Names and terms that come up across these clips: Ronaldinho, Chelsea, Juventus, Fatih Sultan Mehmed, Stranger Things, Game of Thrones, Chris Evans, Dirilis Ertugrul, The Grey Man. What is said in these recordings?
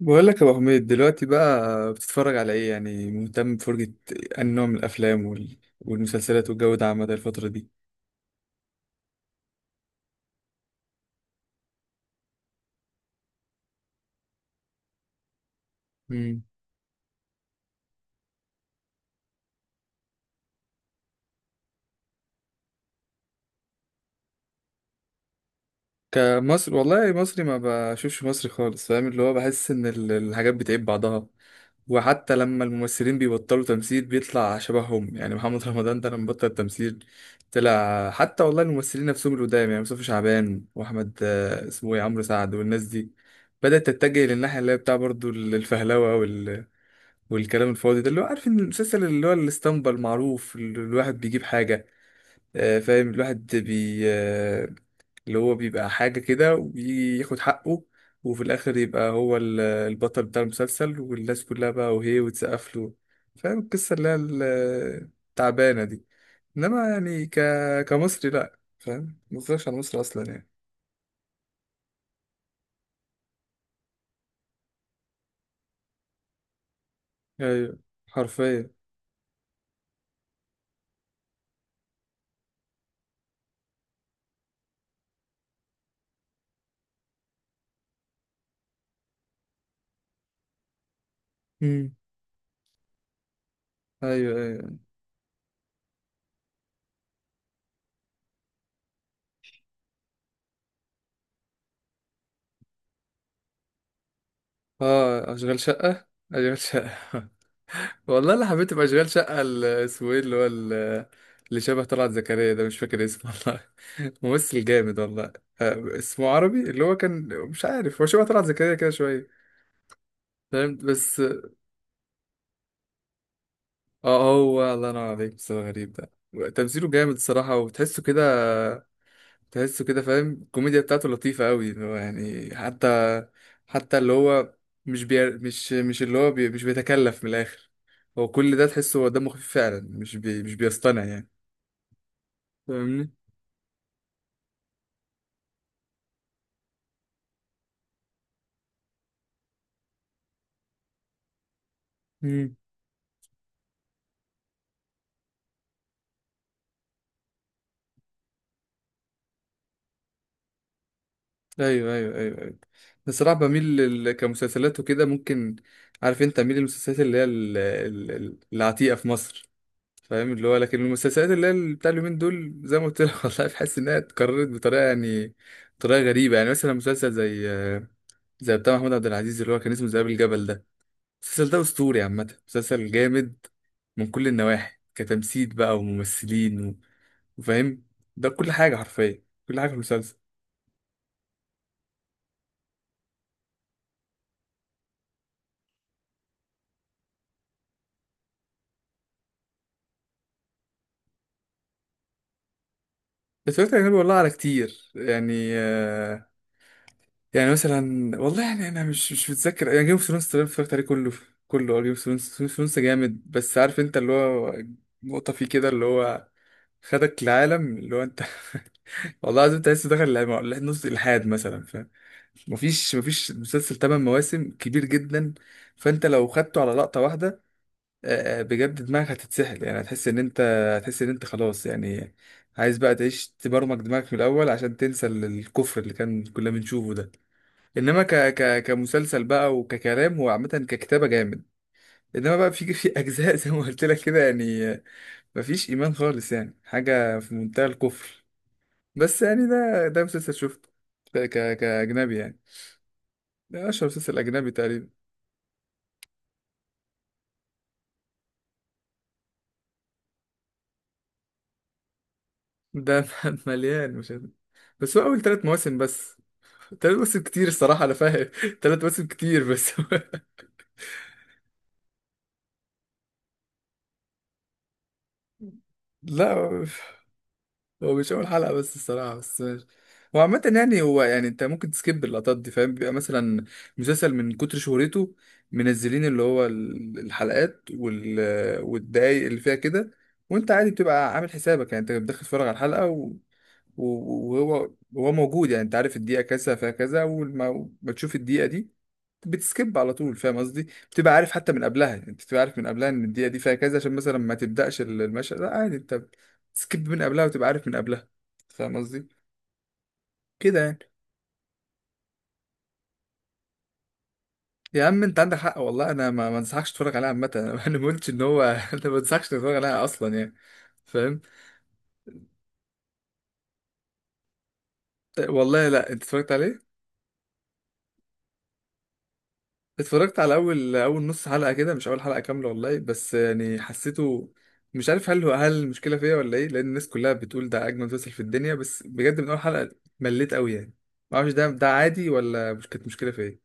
بقول لك يا ابو حميد دلوقتي بقى بتتفرج على ايه؟ يعني مهتم بفرجة انهي نوع من الافلام والمسلسلات والجو ده عامة الفترة دي. امم كمصر، والله مصري ما بشوفش مصري خالص. فاهم اللي هو بحس ان الحاجات بتعيب بعضها. وحتى لما الممثلين بيبطلوا تمثيل بيطلع شبههم، يعني محمد رمضان ده لما بطل تمثيل طلع. حتى والله الممثلين نفسهم القدام، يعني مصطفى شعبان واحمد اسمه ايه، عمرو سعد، والناس دي بدأت تتجه للناحية اللي هي بتاع برضو الفهلوة والكلام الفاضي ده، اللي هو عارف ان المسلسل اللي هو الاسطمبة المعروف، اللي الواحد بيجيب حاجة، فاهم، الواحد بي آه، اللي هو بيبقى حاجة كده وياخد حقه، وفي الآخر يبقى هو البطل بتاع المسلسل والناس كلها بقى وهي وتسقف له. فاهم القصة اللي هي التعبانة دي. إنما يعني كمصري لأ، فاهم، متفرجش على مصر أصلا يعني. أيوة، حرفيا. مم. أيوة أيوة. آه، أشغال شقة. أشغال شقة والله اللي حبيت ابقى اشغال شقه اسمه ايه، اللي هو اللي شبه طلعت زكريا ده، مش فاكر اسمه والله. ممثل جامد والله. اسمه عربي، اللي هو كان، مش عارف، هو شبه طلعت زكريا كده شويه. فاهم، بس. اه، هو الله ينور عليك. بس هو غريب ده تمثيله جامد الصراحه، وتحسه كده، تحسه كده، فاهم، الكوميديا بتاعته لطيفه قوي. اللي هو يعني حتى، حتى اللي هو مش بي... مش مش اللي هو بي... مش بيتكلف من الاخر. هو كل ده تحسه هو دمه خفيف فعلا، مش بيصطنع يعني. فاهمني. امم. ايوه ايوه ايوه ايوه. بصراحه بميل كمسلسلات وكده ممكن. عارف انت، اميل للمسلسلات اللي هي العتيقه في مصر. فاهم، اللي هو، لكن المسلسلات اللي هي بتاع اليومين دول، زي ما قلت لك والله بحس انها اتكررت بطريقه يعني، بطريقه غريبه. يعني مثلا مسلسل زي، زي بتاع محمود عبد العزيز اللي هو كان اسمه ذئاب الجبل ده، المسلسل ده اسطوري عامه، مسلسل جامد من كل النواحي، كتمثيل بقى وممثلين وفاهم، ده كل حاجه حرفيا، كل حاجه في المسلسل. اتفرجت على أجنبي والله، على كتير يعني، يعني مثلا والله يعني أنا مش متذكر، يعني جيم اوف ثرونز تقريبا اتفرجت عليه كله، كله. جيم اوف ثرونز، جيم اوف ثرونز جامد، بس عارف أنت اللي هو نقطة فيه كده، اللي هو خدك العالم اللي هو أنت والله العظيم أنت لسه داخل نص الإلحاد مثلا، فاهم. مفيش مسلسل تمن مواسم كبير جدا، فأنت لو خدته على لقطة واحدة، بجد دماغك هتتسحل يعني. هتحس ان انت، هتحس ان انت خلاص يعني عايز بقى تعيش، تبرمج دماغك من الاول عشان تنسى الكفر اللي كنا بنشوفه ده. انما ك ك كمسلسل بقى وككلام، هو عامه ككتابه جامد. انما بقى في اجزاء زي ما قلت لك كده يعني، مفيش ايمان خالص يعني، حاجه في منتهى الكفر. بس يعني ده مسلسل شفته كاجنبي يعني، ده اشهر مسلسل اجنبي تقريبا. ده مليان، مش عارف. بس هو اول ثلاث مواسم بس. تلات مواسم كتير الصراحة، أنا فاهم تلات مواسم كتير بس لا، هو هو مش أول حلقة بس الصراحة، بس ماشي. هو عامة يعني، هو يعني أنت ممكن تسكيب اللقطات دي، فاهم، بيبقى مثلا مسلسل من كتر شهرته منزلين اللي هو الحلقات والدقايق اللي فيها كده. وأنت عادي بتبقى عامل حسابك يعني، أنت بتدخل تتفرج على الحلقة وهو، هو موجود، يعني انت عارف الدقيقة كذا فيها كذا، اول ما بتشوف الدقيقة دي بتسكيب على طول، فاهم قصدي، بتبقى عارف حتى من قبلها، انت بتبقى عارف من قبلها ان الدقيقة دي فيها كذا، عشان مثلا ما تبدأش المشهد. لا عادي انت بتسكيب من قبلها، وتبقى عارف من قبلها، فاهم قصدي، كده يعني. يا عم انت عندك حق والله، انا ما انصحكش تتفرج عليها عامة انا ما قلتش ان هو انا ما انصحكش تتفرج عليها اصلا يعني، فاهم. والله لا، انت اتفرجت عليه؟ اتفرجت على اول نص حلقه كده، مش اول حلقه كامله والله، بس يعني حسيته، مش عارف هل هو، هل المشكله فيا ولا ايه، لان الناس كلها بتقول ده اجمل مسلسل في الدنيا، بس بجد من اول حلقه مليت قوي يعني. ما اعرفش ده، عادي ولا مش كانت مشكله فيا.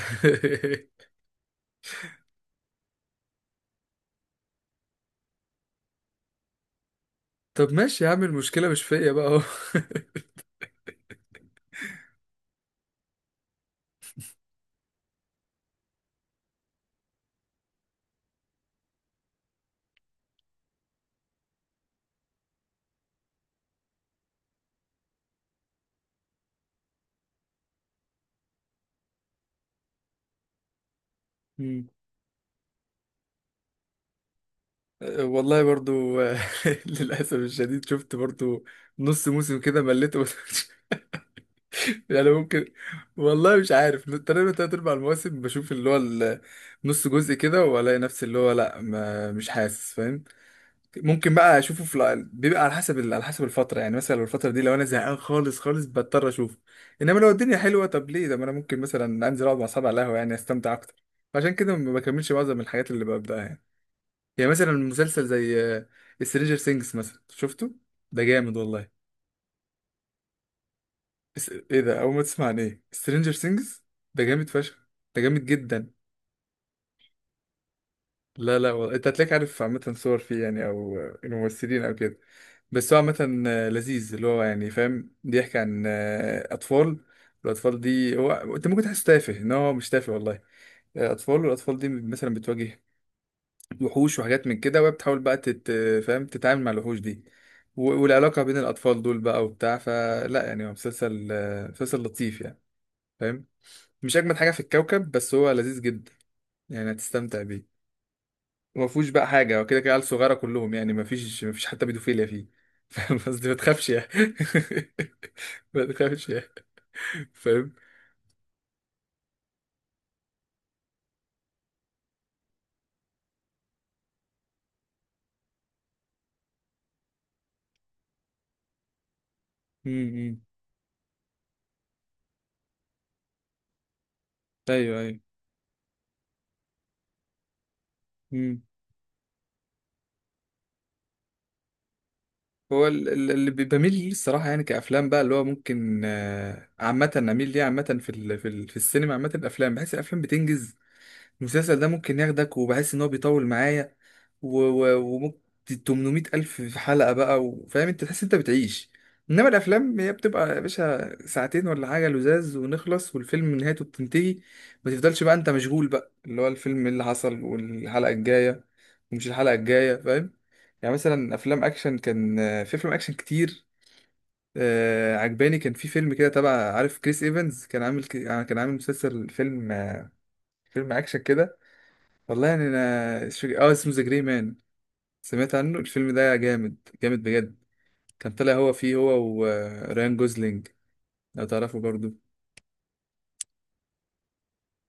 طب ماشي يا عم، المشكله مش فيا بقى اهو. مم. أه، والله برضو للاسف الشديد شفت برضو نص موسم كده مليت يعني ممكن، والله مش عارف، تقريبا تلات أرباع المواسم بشوف اللي هو نص جزء كده وألاقي نفسي اللي هو لأ، ما مش حاسس، فاهم. ممكن بقى أشوفه في بيبقى على حسب على حسب الفترة يعني، مثلا لو الفترة دي، لو أنا زهقان خالص بضطر أشوفه. إنما لو الدنيا حلوة، طب ليه ده، ما أنا ممكن مثلا أنزل أقعد مع أصحابي على القهوة، يعني أستمتع أكتر. عشان كده ما بكملش معظم الحاجات اللي ببدأها يعني. يعني مثلا مسلسل زي سترينجر سينجز مثلا، شفته؟ ده جامد والله. ايه ده، اول ما تسمع عن ايه؟ سترينجر سينجز ده جامد فشخ، ده جامد جدا. لا لا والله، انت هتلاقيك عارف عامة صور فيه يعني، او الممثلين او كده. بس هو عامة لذيذ، اللي هو يعني فاهم بيحكي عن اطفال. الاطفال دي هو انت ممكن تحس تافه، ان هو مش تافه والله. اطفال، والاطفال دي مثلا بتواجه وحوش وحاجات من كده، وهي بتحاول بقى فاهم، تتعامل مع الوحوش دي، والعلاقة بين الاطفال دول بقى وبتاع فلا، يعني هو مسلسل مسلسل لطيف يعني، فاهم. مش اجمد حاجه في الكوكب، بس هو لذيذ جدا، يعني هتستمتع بيه. وما فيهوش بقى حاجه، وكده كده عيال صغيره كلهم يعني، ما فيش حتى بيدوفيليا فيه. فاهم قصدي، ما تخافش يعني. ما تخافش يعني، فاهم. امم. امم. ايوه ايوه. امم. هو اللي بميل ليه الصراحه يعني، كافلام بقى، اللي هو ممكن عامه اميل ليه عامه، في في السينما عامه الافلام، بحس الافلام بتنجز. المسلسل ده ممكن ياخدك، وبحس ان هو بيطول معايا وممكن 800 الف في حلقة بقى، وفاهم انت تحس انت بتعيش. انما الافلام هي بتبقى يا باشا ساعتين ولا حاجة لزاز ونخلص، والفيلم نهايته بتنتهي، ما تفضلش بقى انت مشغول بقى اللي هو الفيلم اللي حصل والحلقة الجاية، ومش الحلقة الجاية، فاهم. يعني مثلا افلام اكشن كان، في افلام اكشن كتير عجباني. كان في فيلم كده تبع، عارف كريس ايفنز، كان عامل كان عامل مسلسل، فيلم، فيلم اكشن كده. والله يعني انا مش فاكر، اه اسمه ذا جري مان. سمعت عنه؟ الفيلم ده جامد، جامد بجد. كان طالع هو فيه، هو وريان جوزلينج، لو تعرفه برضو.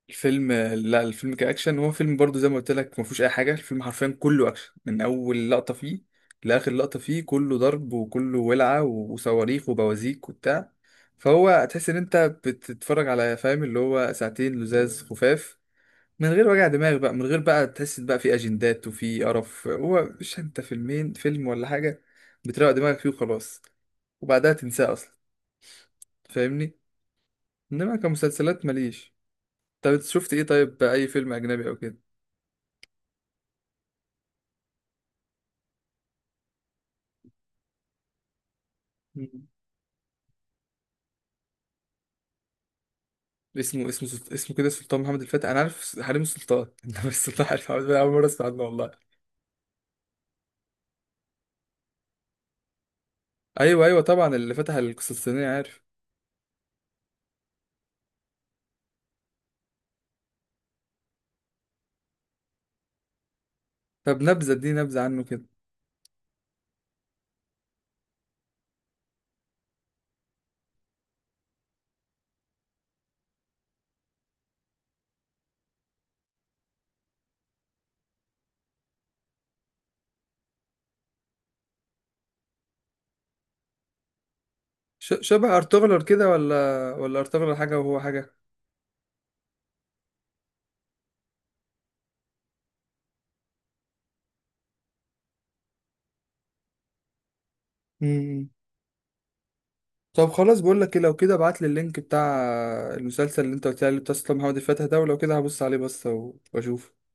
الفيلم، لا الفيلم كأكشن هو فيلم برضو زي ما قلت لك، ما فيهوش اي حاجه، الفيلم حرفيا كله اكشن، من اول لقطه فيه لاخر لقطه فيه، كله ضرب وكله ولعه وصواريخ وبوازيك وبتاع. فهو تحس ان انت بتتفرج على، فاهم، اللي هو ساعتين لزاز خفاف، من غير وجع دماغ بقى، من غير بقى تحس بقى في اجندات وفي قرف، هو مش انت فيلمين، فيلم ولا حاجه بتروق دماغك فيه وخلاص، وبعدها تنساه اصلا، فاهمني. انما كمسلسلات ماليش. طب شفت ايه؟ طيب اي فيلم اجنبي او كده. مم. اسمه، اسمه اسمه كده سلطان محمد الفاتح. انا عارف، حريم السلطان انما السلطان، عارف محمد الفاتح، اول مره اسمع عنه والله. ايوه ايوه طبعا، اللي فتح القسطنطينيه، عارف. طب نبذه دي، نبذه عنه كده. شبه ارطغرل كده؟ ولا ارطغرل حاجه وهو حاجه؟ طب خلاص، بقول لك ايه، لو كده ابعت لي اللينك بتاع المسلسل اللي انت قلت لي عليه، بتاع أصلا محمد الفاتح ده، ولو كده هبص عليه بس، واشوف.